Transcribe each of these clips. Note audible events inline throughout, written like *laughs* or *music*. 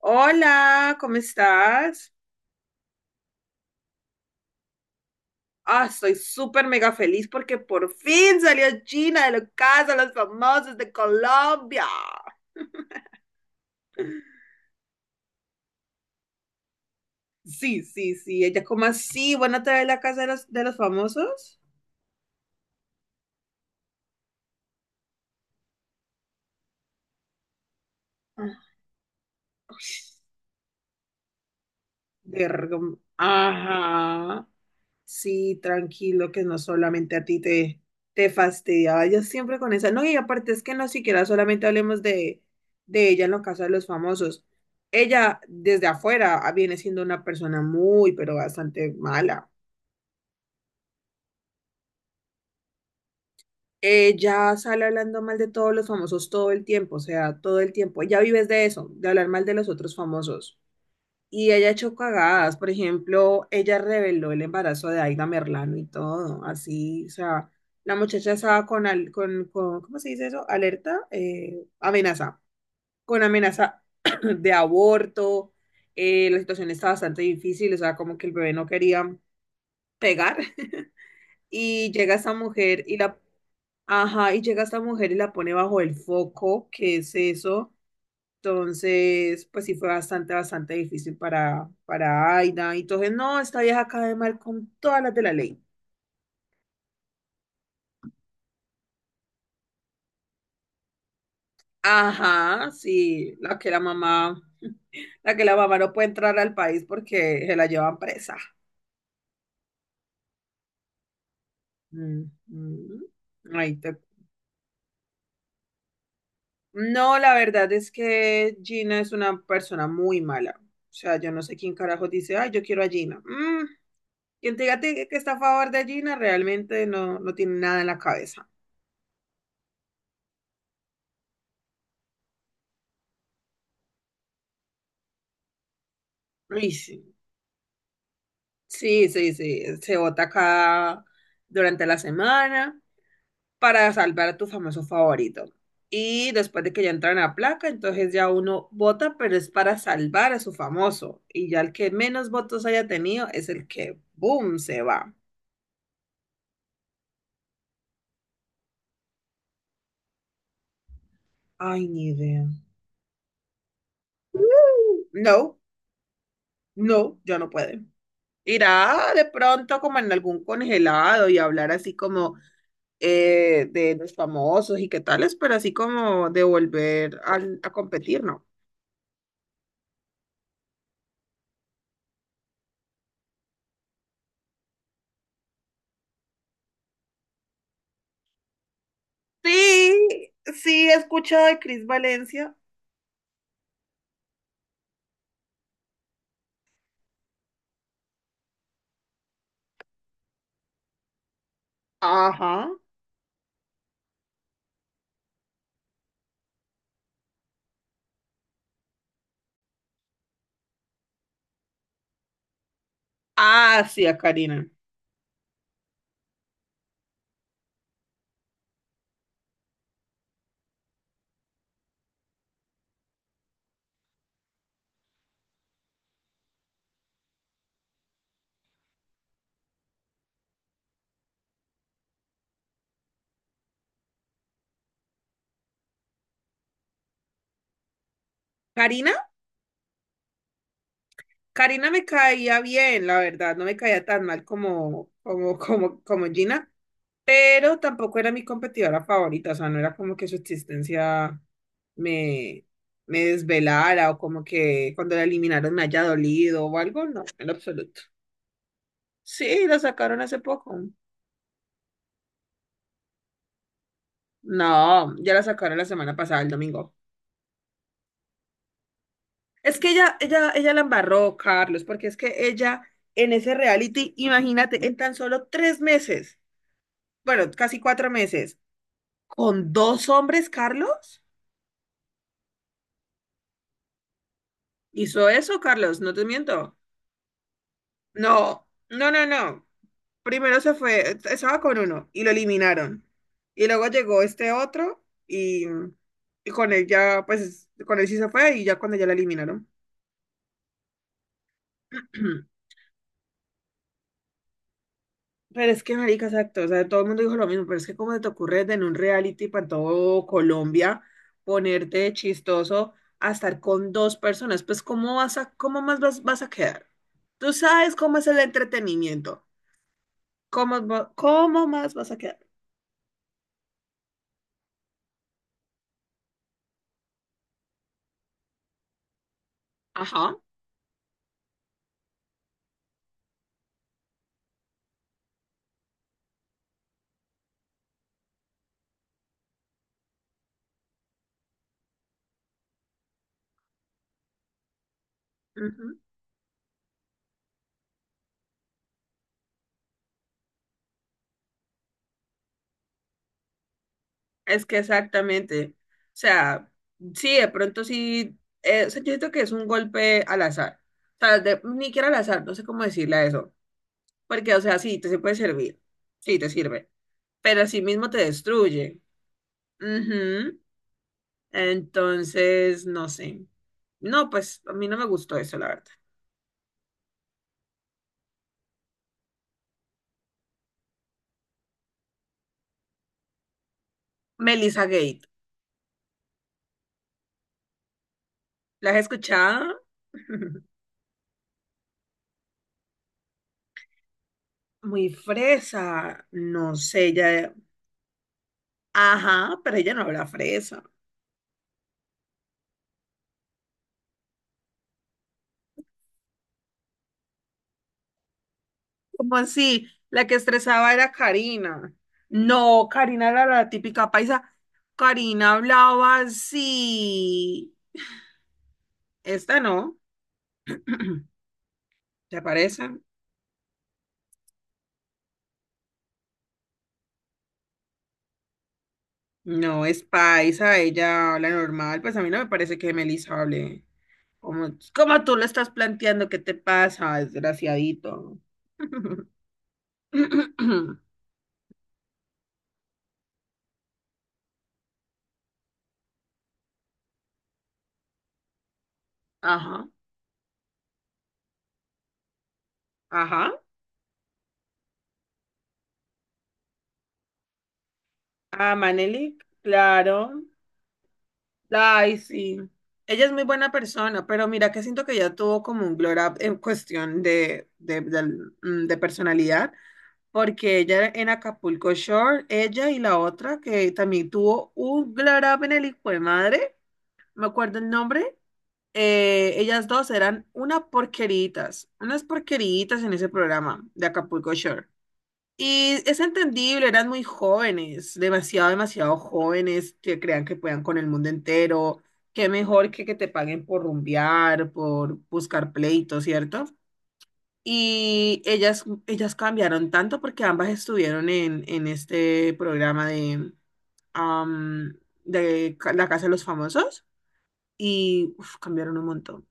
Hola, ¿cómo estás? Ah, estoy súper mega feliz porque por fin salió Gina de la casa, de los famosos de Colombia. Sí, sí, sí, ella como así, bueno, te de la casa de los famosos. Ah, uy, verga. Ajá. Sí, tranquilo, que no solamente a ti te fastidiaba, yo siempre con esa, no, y aparte es que no siquiera solamente hablemos de ella en los casos de los famosos, ella desde afuera ah, viene siendo una persona muy, pero bastante mala, ella sale hablando mal de todos los famosos todo el tiempo, o sea, todo el tiempo, ella vives de eso, de hablar mal de los otros famosos. Y ella echó cagadas, por ejemplo, ella reveló el embarazo de Aida Merlano y todo, así, o sea, la muchacha estaba con, ¿cómo se dice eso? Alerta, amenaza, con amenaza *clears throat* de aborto, la situación está bastante difícil, o sea, como que el bebé no quería pegar, *laughs* y llega esta mujer y la, ajá, y llega esta mujer y la pone bajo el foco, ¿qué es eso? Entonces, pues sí fue bastante, bastante difícil para Aida. Y entonces, no, esta vieja cae mal con todas las de la ley. Ajá, sí, la que la mamá, la que la mamá no puede entrar al país porque se la llevan presa. Mm, mm. Ahí te- No, la verdad es que Gina es una persona muy mala. O sea, yo no sé quién carajo dice, ay, yo quiero a Gina. Mm, quien te diga que está a favor de Gina realmente no, no tiene nada en la cabeza. Ay, sí. Sí, sí, sí, se vota acá durante la semana para salvar a tu famoso favorito. Y después de que ya entran a placa, entonces ya uno vota, pero es para salvar a su famoso. Y ya el que menos votos haya tenido es el que, boom, se va. Ay, ni idea. No, no, ya no puede. Irá de pronto como en algún congelado y hablar así como de los famosos y qué tales, pero así como de volver a competir, ¿no? Sí, sí, he escuchado de Cris Valencia. Ajá. Ah, sí, a Karina. ¿Karina? Karina me caía bien, la verdad, no me caía tan mal como, como Gina, pero tampoco era mi competidora favorita, o sea, no era como que su existencia me, me desvelara o como que cuando la eliminaron me haya dolido o algo, no, en lo absoluto. Sí, la sacaron hace poco. No, ya la sacaron la semana pasada, el domingo. Es que ella la embarró, Carlos, porque es que ella en ese reality, imagínate, en tan solo tres meses, bueno, casi cuatro meses, con dos hombres, Carlos, hizo eso, Carlos, no te miento. No, no, no, no. Primero se fue, estaba con uno y lo eliminaron. Y luego llegó este otro y con él ya, pues, con él sí se fue y ya cuando ya la eliminaron. *clears throat* Pero es que, marica, exacto, o sea, todo el mundo dijo lo mismo, pero es que cómo se te ocurre en un reality para todo Colombia ponerte de chistoso a estar con dos personas, pues cómo vas a, vas a quedar. Tú sabes cómo es el entretenimiento, cómo, cómo más vas a quedar. Ajá. Ujú. Es que exactamente, o sea, sí, de pronto sí, o sea, yo siento que es un golpe al azar, o sea, ni siquiera al azar, no sé cómo decirle a eso, porque, o sea, sí, te se puede servir. Sí, te sirve. Pero sí mismo te destruye. Ujú. Entonces, no sé. No, pues a mí no me gustó eso, la verdad. Melissa Gate, ¿la has escuchado? *laughs* Muy fresa, no sé, ella, ajá, pero ella no habla fresa. ¿Cómo así? La que estresaba era Karina. No, Karina era la típica paisa. Karina hablaba así. Esta no, *clears throat* ¿te parece? No, es paisa, ella habla normal, pues a mí no me parece que Melissa hable como, como tú lo estás planteando, ¿qué te pasa, desgraciadito? *coughs* *clears throat* Ajá, ajá. Ah, Manelik, claro. Ay, sí. Ella es muy buena persona, pero mira que siento que ella tuvo como un glow up en cuestión de, de personalidad, porque ella en Acapulco Shore, ella y la otra que también tuvo un glow up en el hijo de madre. Me acuerdo el nombre, ellas dos eran una porqueritas, unas porqueritas en ese programa de Acapulco Shore. Y es entendible, eran muy jóvenes, demasiado, demasiado jóvenes que crean que puedan con el mundo entero. Qué mejor que te paguen por rumbear, por buscar pleitos, ¿cierto? Y ellas cambiaron tanto porque ambas estuvieron en este programa de, am, La Casa de los Famosos y uf, cambiaron un montón.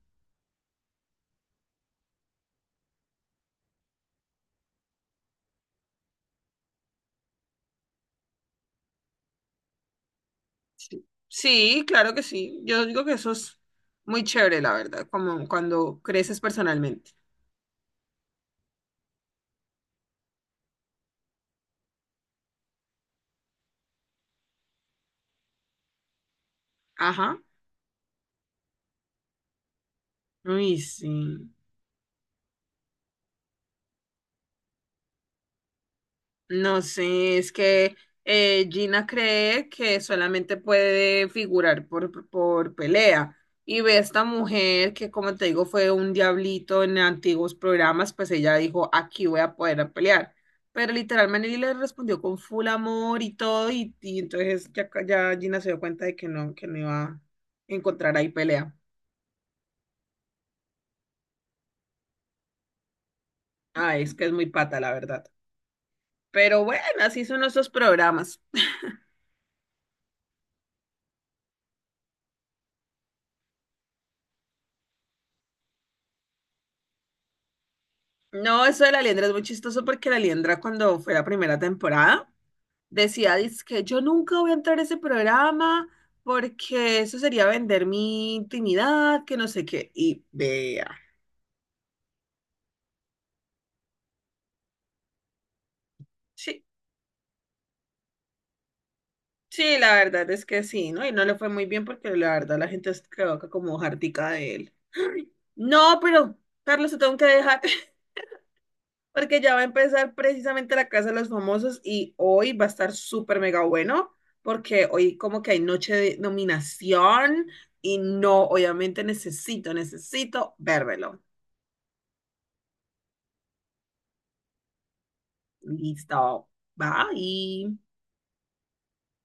Sí. Sí, claro que sí. Yo digo que eso es muy chévere, la verdad, como cuando creces personalmente. Ajá. Uy, sí. No sé, es que Gina cree que solamente puede figurar por pelea. Y ve a esta mujer que, como te digo, fue un diablito en antiguos programas, pues ella dijo, aquí voy a poder a pelear. Pero literalmente le respondió con full amor y todo, y entonces ya, ya Gina se dio cuenta de que no iba a encontrar ahí pelea. Ah, es que es muy pata, la verdad. Pero bueno, así son nuestros programas. *laughs* No, eso de la liendra es muy chistoso porque la liendra cuando fue la primera temporada decía, que yo nunca voy a entrar a ese programa porque eso sería vender mi intimidad, que no sé qué. Y vea. Sí, sí, la verdad es que sí, ¿no? Y no le fue muy bien porque la verdad la gente se quedó acá como jartica de él. Ay, no, pero Carlos, te tengo que dejar. *laughs* Porque ya va a empezar precisamente la Casa de los Famosos y hoy va a estar súper mega bueno, porque hoy como que hay noche de nominación y no, obviamente necesito, necesito vérmelo. Listo, bye.